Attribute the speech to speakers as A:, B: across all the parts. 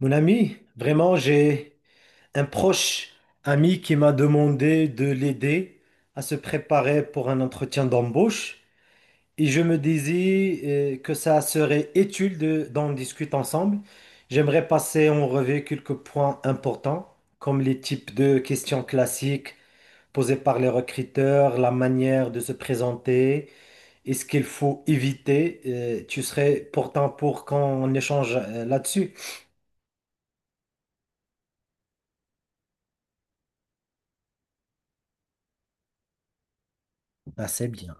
A: Mon ami, vraiment, j'ai un proche ami qui m'a demandé de l'aider à se préparer pour un entretien d'embauche et je me disais que ça serait utile d'en discuter ensemble. J'aimerais passer en revue quelques points importants comme les types de questions classiques posées par les recruteurs, la manière de se présenter et ce qu'il faut éviter. Tu serais pourtant pour qu'on échange là-dessus? Ah, c'est bien,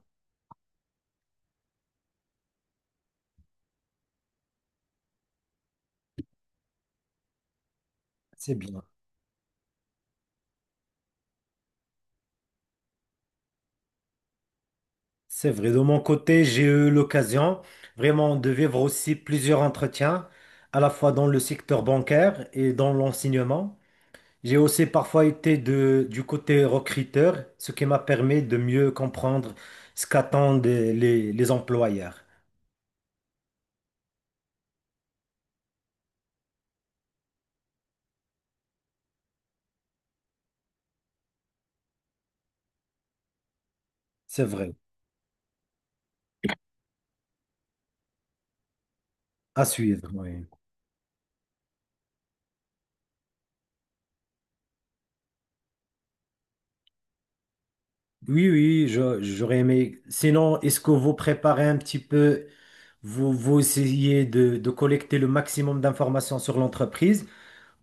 A: c'est bien. C'est vrai, de mon côté, j'ai eu l'occasion vraiment de vivre aussi plusieurs entretiens, à la fois dans le secteur bancaire et dans l'enseignement. J'ai aussi parfois été du côté recruteur, ce qui m'a permis de mieux comprendre ce qu'attendent les employeurs. C'est vrai, à suivre, oui. Oui, oui, j'aurais aimé. Sinon, est-ce que vous préparez un petit peu, vous, vous essayez de collecter le maximum d'informations sur l'entreprise,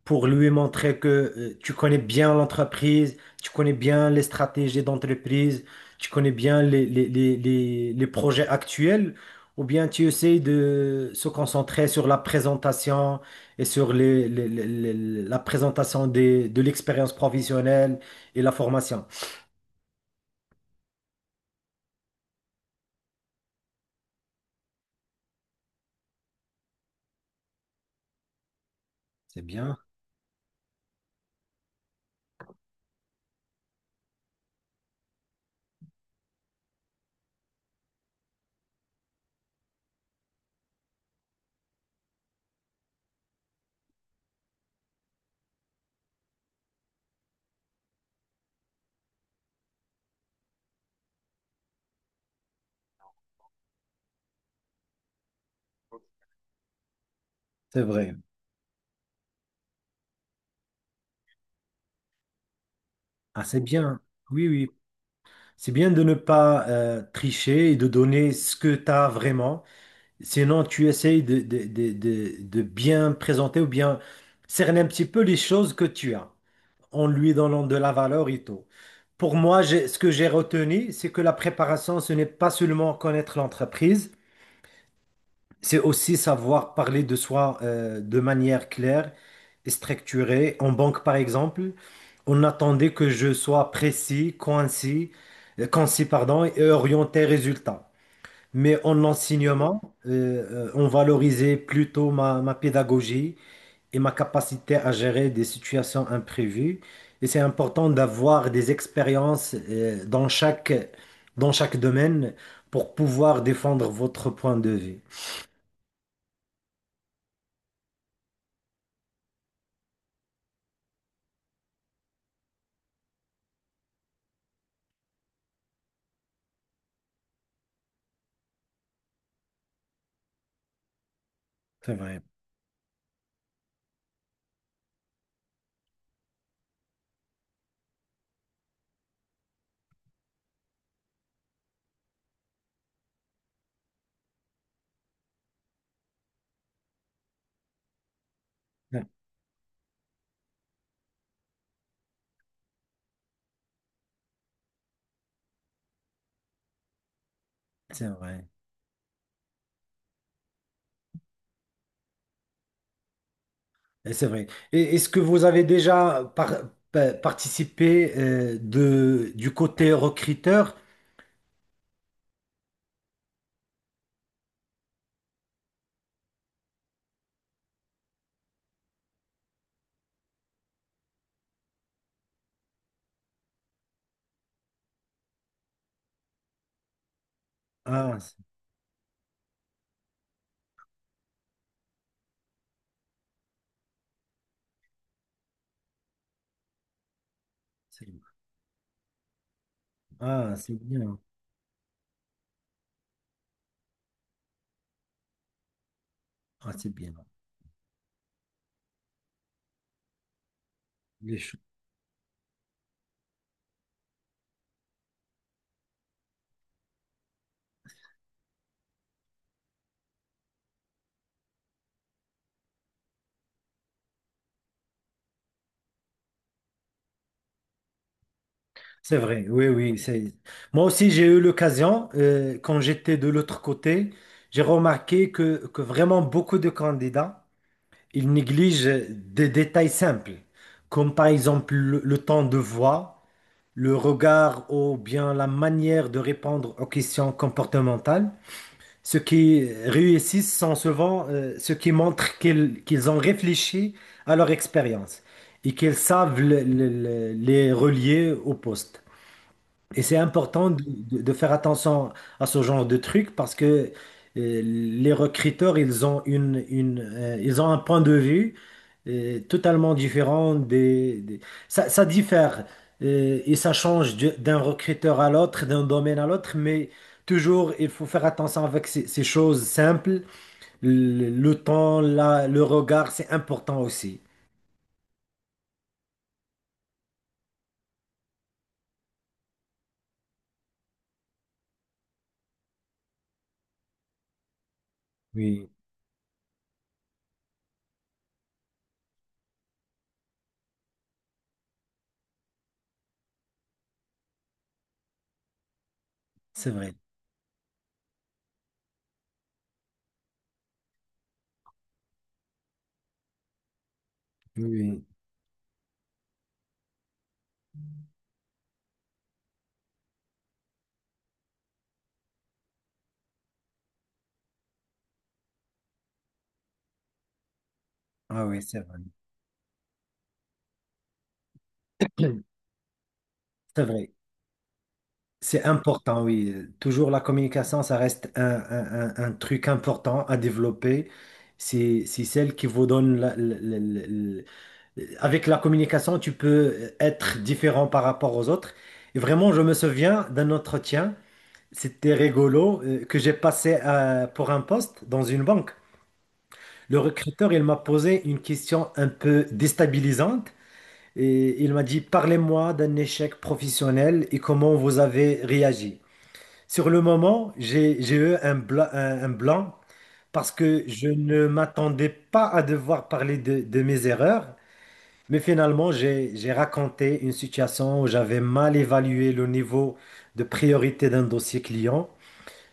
A: pour lui montrer que tu connais bien l'entreprise, tu connais bien les stratégies d'entreprise, tu connais bien les projets actuels, ou bien tu essayes de se concentrer sur la présentation et sur la présentation de l'expérience professionnelle et la formation. C'est bien, c'est vrai. Ah, c'est bien. Oui, oui. C'est bien de ne pas tricher et de donner ce que tu as vraiment. Sinon, tu essayes de bien présenter ou bien cerner un petit peu les choses que tu as en lui donnant de la valeur et tout. Pour moi, ce que j'ai retenu, c'est que la préparation, ce n'est pas seulement connaître l'entreprise, c'est aussi savoir parler de soi de manière claire et structurée. En banque, par exemple, on attendait que je sois précis, concis, concis, pardon, et orienté résultat. Mais en enseignement, on valorisait plutôt ma pédagogie et ma capacité à gérer des situations imprévues. Et c'est important d'avoir des expériences dans chaque domaine pour pouvoir défendre votre point de vue. C'est vrai, c'est vrai. Et c'est vrai. Et est-ce que vous avez déjà participé du côté recruteur? Ah, c'est- ah, c'est bien. Ah, c'est bien. Les choses. C'est vrai, oui, oui. c'est- Moi aussi, j'ai eu l'occasion, quand j'étais de l'autre côté, j'ai remarqué que vraiment beaucoup de candidats, ils négligent des détails simples, comme par exemple le temps de voix, le regard ou bien la manière de répondre aux questions comportementales. Ceux qui réussissent sont souvent ceux qui montrent qu'ils ont réfléchi à leur expérience et qu'ils savent les relier au poste. Et c'est important de faire attention à ce genre de truc parce que les recruteurs, ils ont ils ont un point de vue totalement différent ça, ça diffère et ça change d'un recruteur à l'autre, d'un domaine à l'autre, mais toujours, il faut faire attention avec ces choses simples. Le temps, le regard, c'est important aussi. Oui, c'est vrai. Oui, oui. Ah oui, c'est vrai. C'est vrai. C'est important, oui. Toujours la communication, ça reste un truc important à développer. C'est celle qui vous donne avec la communication, tu peux être différent par rapport aux autres. Et vraiment, je me souviens d'un entretien, c'était rigolo, que j'ai passé pour un poste dans une banque. Le recruteur, il m'a posé une question un peu déstabilisante et il m'a dit, parlez-moi d'un échec professionnel et comment vous avez réagi. Sur le moment, j'ai eu un un blanc parce que je ne m'attendais pas à devoir parler de mes erreurs, mais finalement, j'ai raconté une situation où j'avais mal évalué le niveau de priorité d'un dossier client,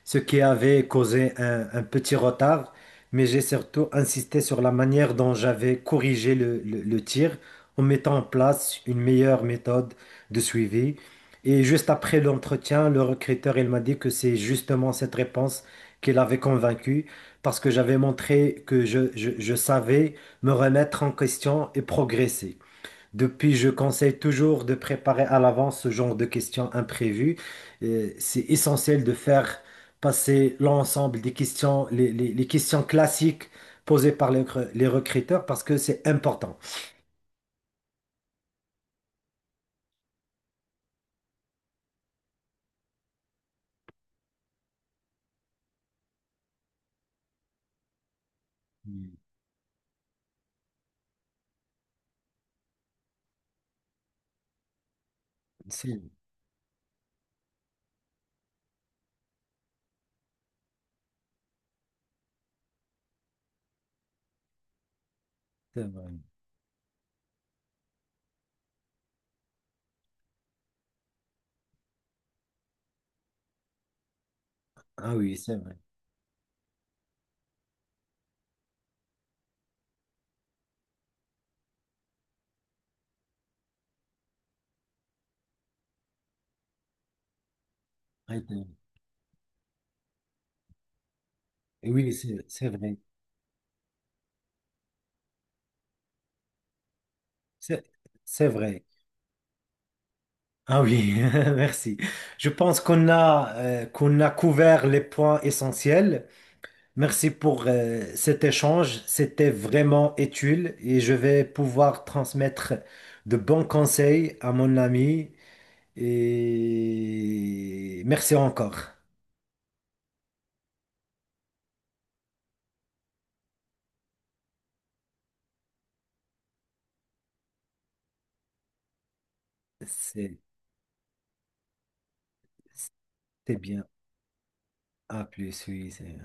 A: ce qui avait causé un petit retard, mais j'ai surtout insisté sur la manière dont j'avais corrigé le tir en mettant en place une meilleure méthode de suivi. Et juste après l'entretien, le recruteur, il m'a dit que c'est justement cette réponse qui l'avait convaincu parce que j'avais montré que je savais me remettre en question et progresser. Depuis, je conseille toujours de préparer à l'avance ce genre de questions imprévues. C'est essentiel de faire passer l'ensemble des questions, les questions classiques posées par les recruteurs parce que c'est important. Mm. C'est c'est vrai. Ah oui, c'est vrai. Ouais. c'est- Oui, c'est vrai. C'est c'est vrai. Ah oui, merci. Je pense qu'on a, qu'on a couvert les points essentiels. Merci pour cet échange. C'était vraiment utile et je vais pouvoir transmettre de bons conseils à mon ami. Et merci encore. C'est c'est bien. À plus, oui. c'est-